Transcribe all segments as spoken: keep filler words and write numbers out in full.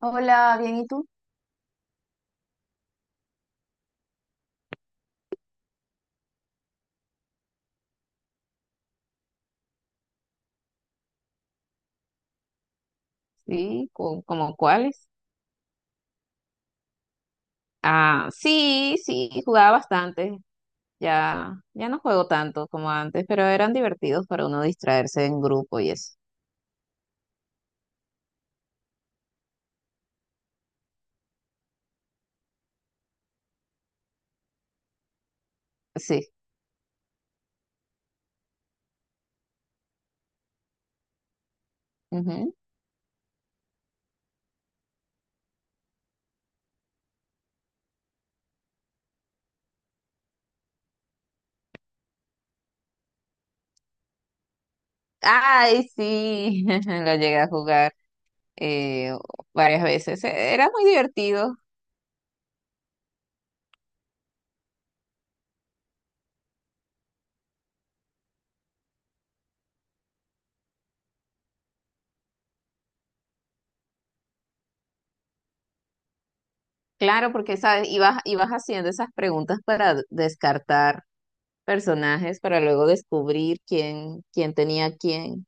Hola, bien, ¿y tú? Sí, co- como cuáles. Ah, sí, sí, jugaba bastante. Ya, ya no juego tanto como antes, pero eran divertidos para uno distraerse en grupo y eso. Sí. Ujú. Ay, sí, lo llegué a jugar eh, varias veces. E- Era muy divertido. Claro, porque sabes, ibas, ibas haciendo esas preguntas para d- descartar personajes, para luego descubrir quién, quién tenía quién.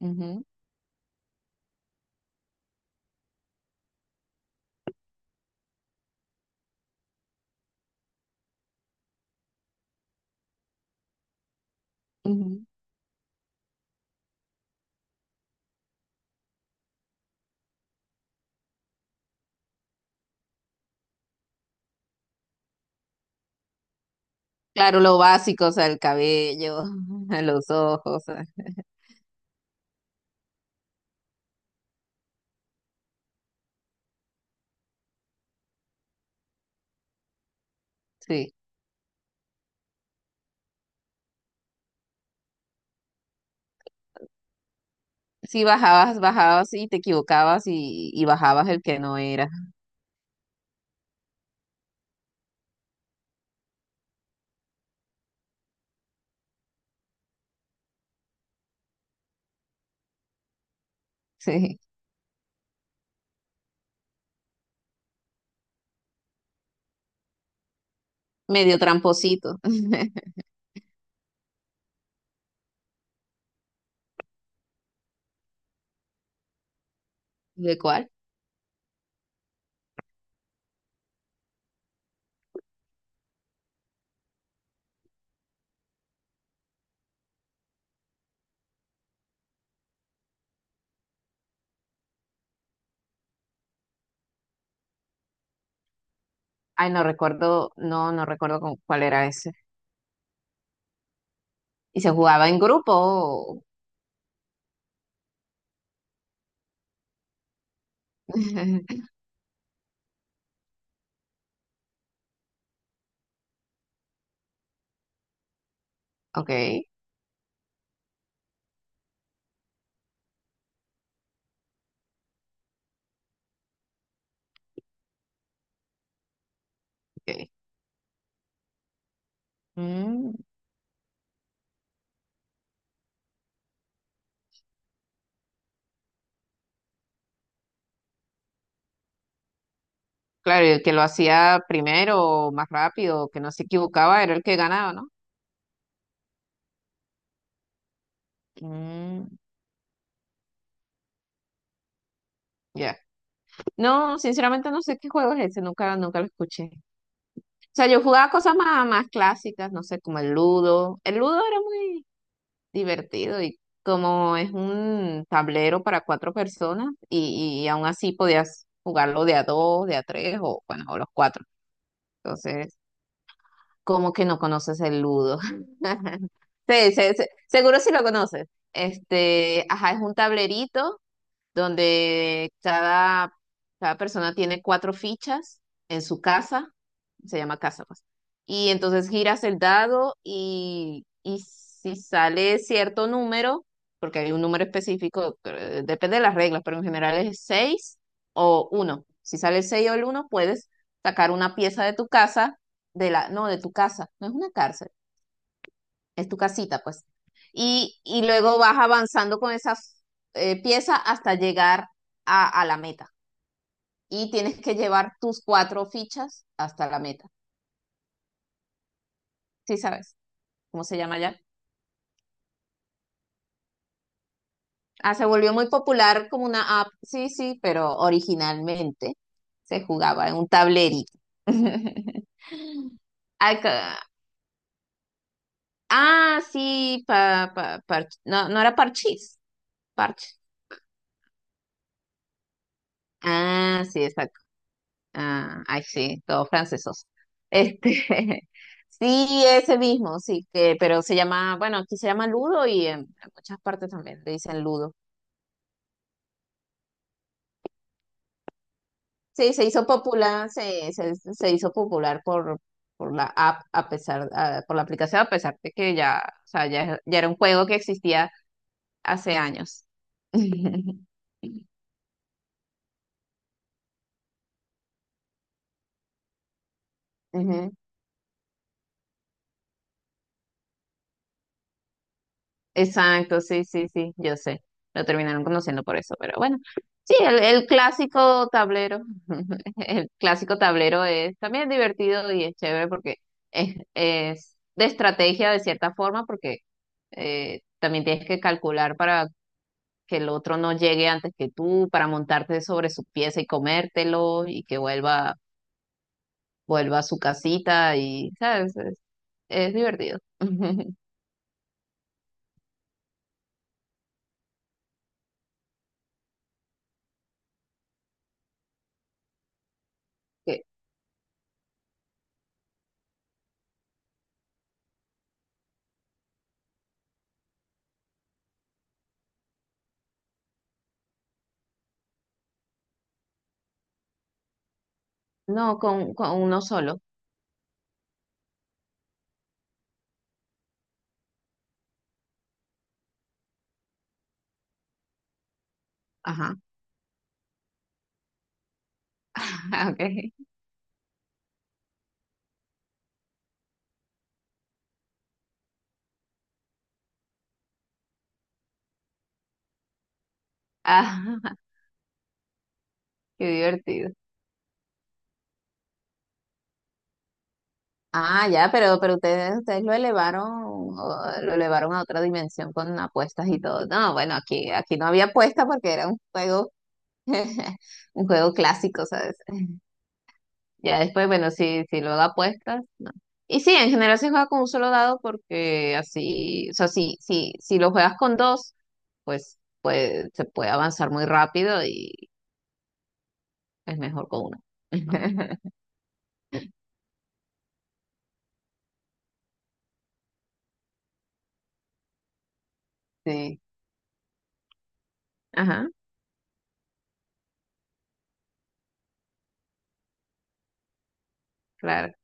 Ujú, ujú. Claro, lo básico, o sea, el cabello, los ojos, o sea, sí. Si bajabas, bajabas y te equivocabas y, y bajabas el que no era, sí. Medio tramposito. ¿De cuál? Ay, no recuerdo, no, no recuerdo con cuál era ese. Y se jugaba en grupo. Ok, ok. Mm. Claro, y el que lo hacía primero, o más rápido, o que no se equivocaba, era el que ganaba, ¿no? Mm, ya. No, sinceramente no sé qué juego es ese, nunca, nunca lo escuché. O sea, yo jugaba cosas más, más clásicas, no sé, como el ludo. El ludo era muy divertido y como es un tablero para cuatro personas y, y aún así podías jugarlo de a dos, de a tres o bueno, o los cuatro. Entonces, ¿como que no conoces el ludo? Sí, se- se- seguro si lo conoces. Este, ajá, es un tablerito donde cada, cada persona tiene cuatro fichas en su casa, se llama casa, pues. Y entonces giras el dado y, y si sale cierto número, porque hay un número específico, eh, depende de las reglas, pero en general es seis o uno. Si sale el seis o el uno puedes sacar una pieza de tu casa, de la, no, de tu casa, no es una cárcel, es tu casita, pues. Y, y luego vas avanzando con esa eh, pieza hasta llegar a, a la meta. Y tienes que llevar tus cuatro fichas hasta la meta. ¿Sí sabes cómo se llama ya? Ah, se volvió muy popular como una app, sí, sí, pero originalmente se jugaba en un tablerito. Ay, ca- ah, sí, pa, pa- parch- no, no era parchís, parche. Ah, sí, exacto. Ah, ay, sí, todos francesos. Este, sí, ese mismo, sí, que, pero se llama, bueno, aquí se llama Ludo y en, muchas partes también le dicen Ludo. Sí, se hizo popular, se, se, se hizo popular por, por la app, a pesar, ah, por la aplicación, a pesar de que ya, o sea, ya, ya era un juego que existía hace años. Ujú. Exacto, sí, sí, sí, yo sé. Lo terminaron conociendo por eso, pero bueno. Sí, el, el clásico tablero. El clásico tablero es también divertido y es chévere porque es, es de estrategia de cierta forma, porque eh, también tienes que calcular para que el otro no llegue antes que tú, para montarte sobre su pieza y comértelo y que vuelva, vuelva a su casita y, ¿sabes? Es, es divertido. Que... No, con, con uno solo. Ajá. Ah, okay. Ah, qué divertido. Ah, ya, pero, pero ustedes, ustedes lo elevaron, o- lo elevaron a otra dimensión con apuestas y todo. No, bueno, aquí, aquí no había apuesta porque era un juego, un juego clásico, ¿sabes? Ya después, bueno, si, si luego apuestas, no. Y sí, en general se juega con un solo dado porque así, o sea, si, si, si lo juegas con dos, pues, pues se puede avanzar muy rápido y es mejor con uno. Sí, ajá, claro.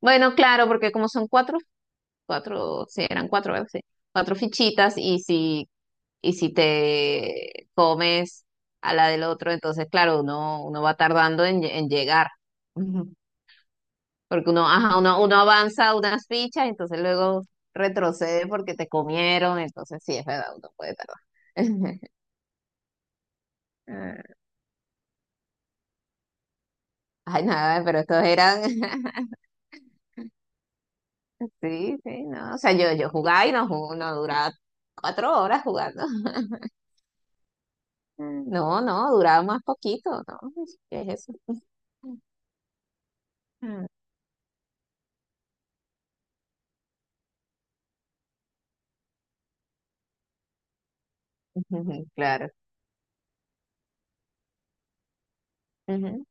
Bueno, claro, porque como son cuatro, cuatro, sí, eran cuatro, ¿verdad? Sí, cuatro fichitas y si, y si te comes a la del otro, entonces, claro, uno, uno va tardando en, lle- en llegar. Ujú. Porque uno, ajá, uno, uno avanza unas fichas, entonces luego retrocede porque te comieron, entonces sí, es verdad, uno puede tardar. Ah, ay, nada, pero estos eran, sí, sí, no, o sea, yo, yo jugaba y no, ju- no duraba cuatro horas jugando. No, no, duraba más poquito, ¿no? ¿Qué es eso? Mm. Ujú, claro. Ujú.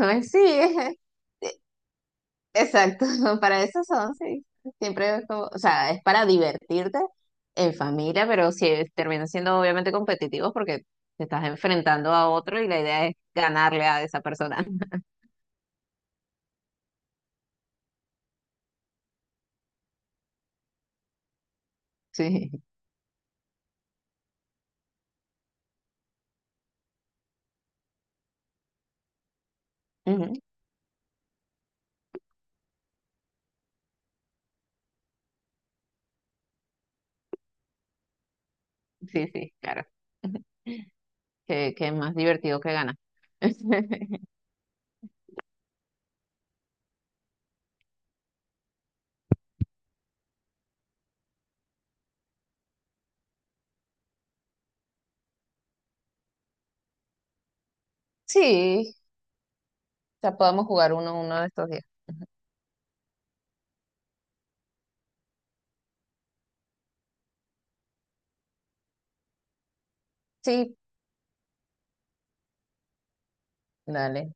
Ay, sí, e- exacto. Para eso son, sí. Siempre es como, o sea, es para divertirte en familia, pero sí es- termina siendo obviamente competitivos porque te estás enfrentando a otro y la idea es ganarle a esa persona. Sí, ujú, sí, sí, claro. Que, que es más divertido que ganar. Sí, ya podemos jugar uno uno de estos días. Sí, dale.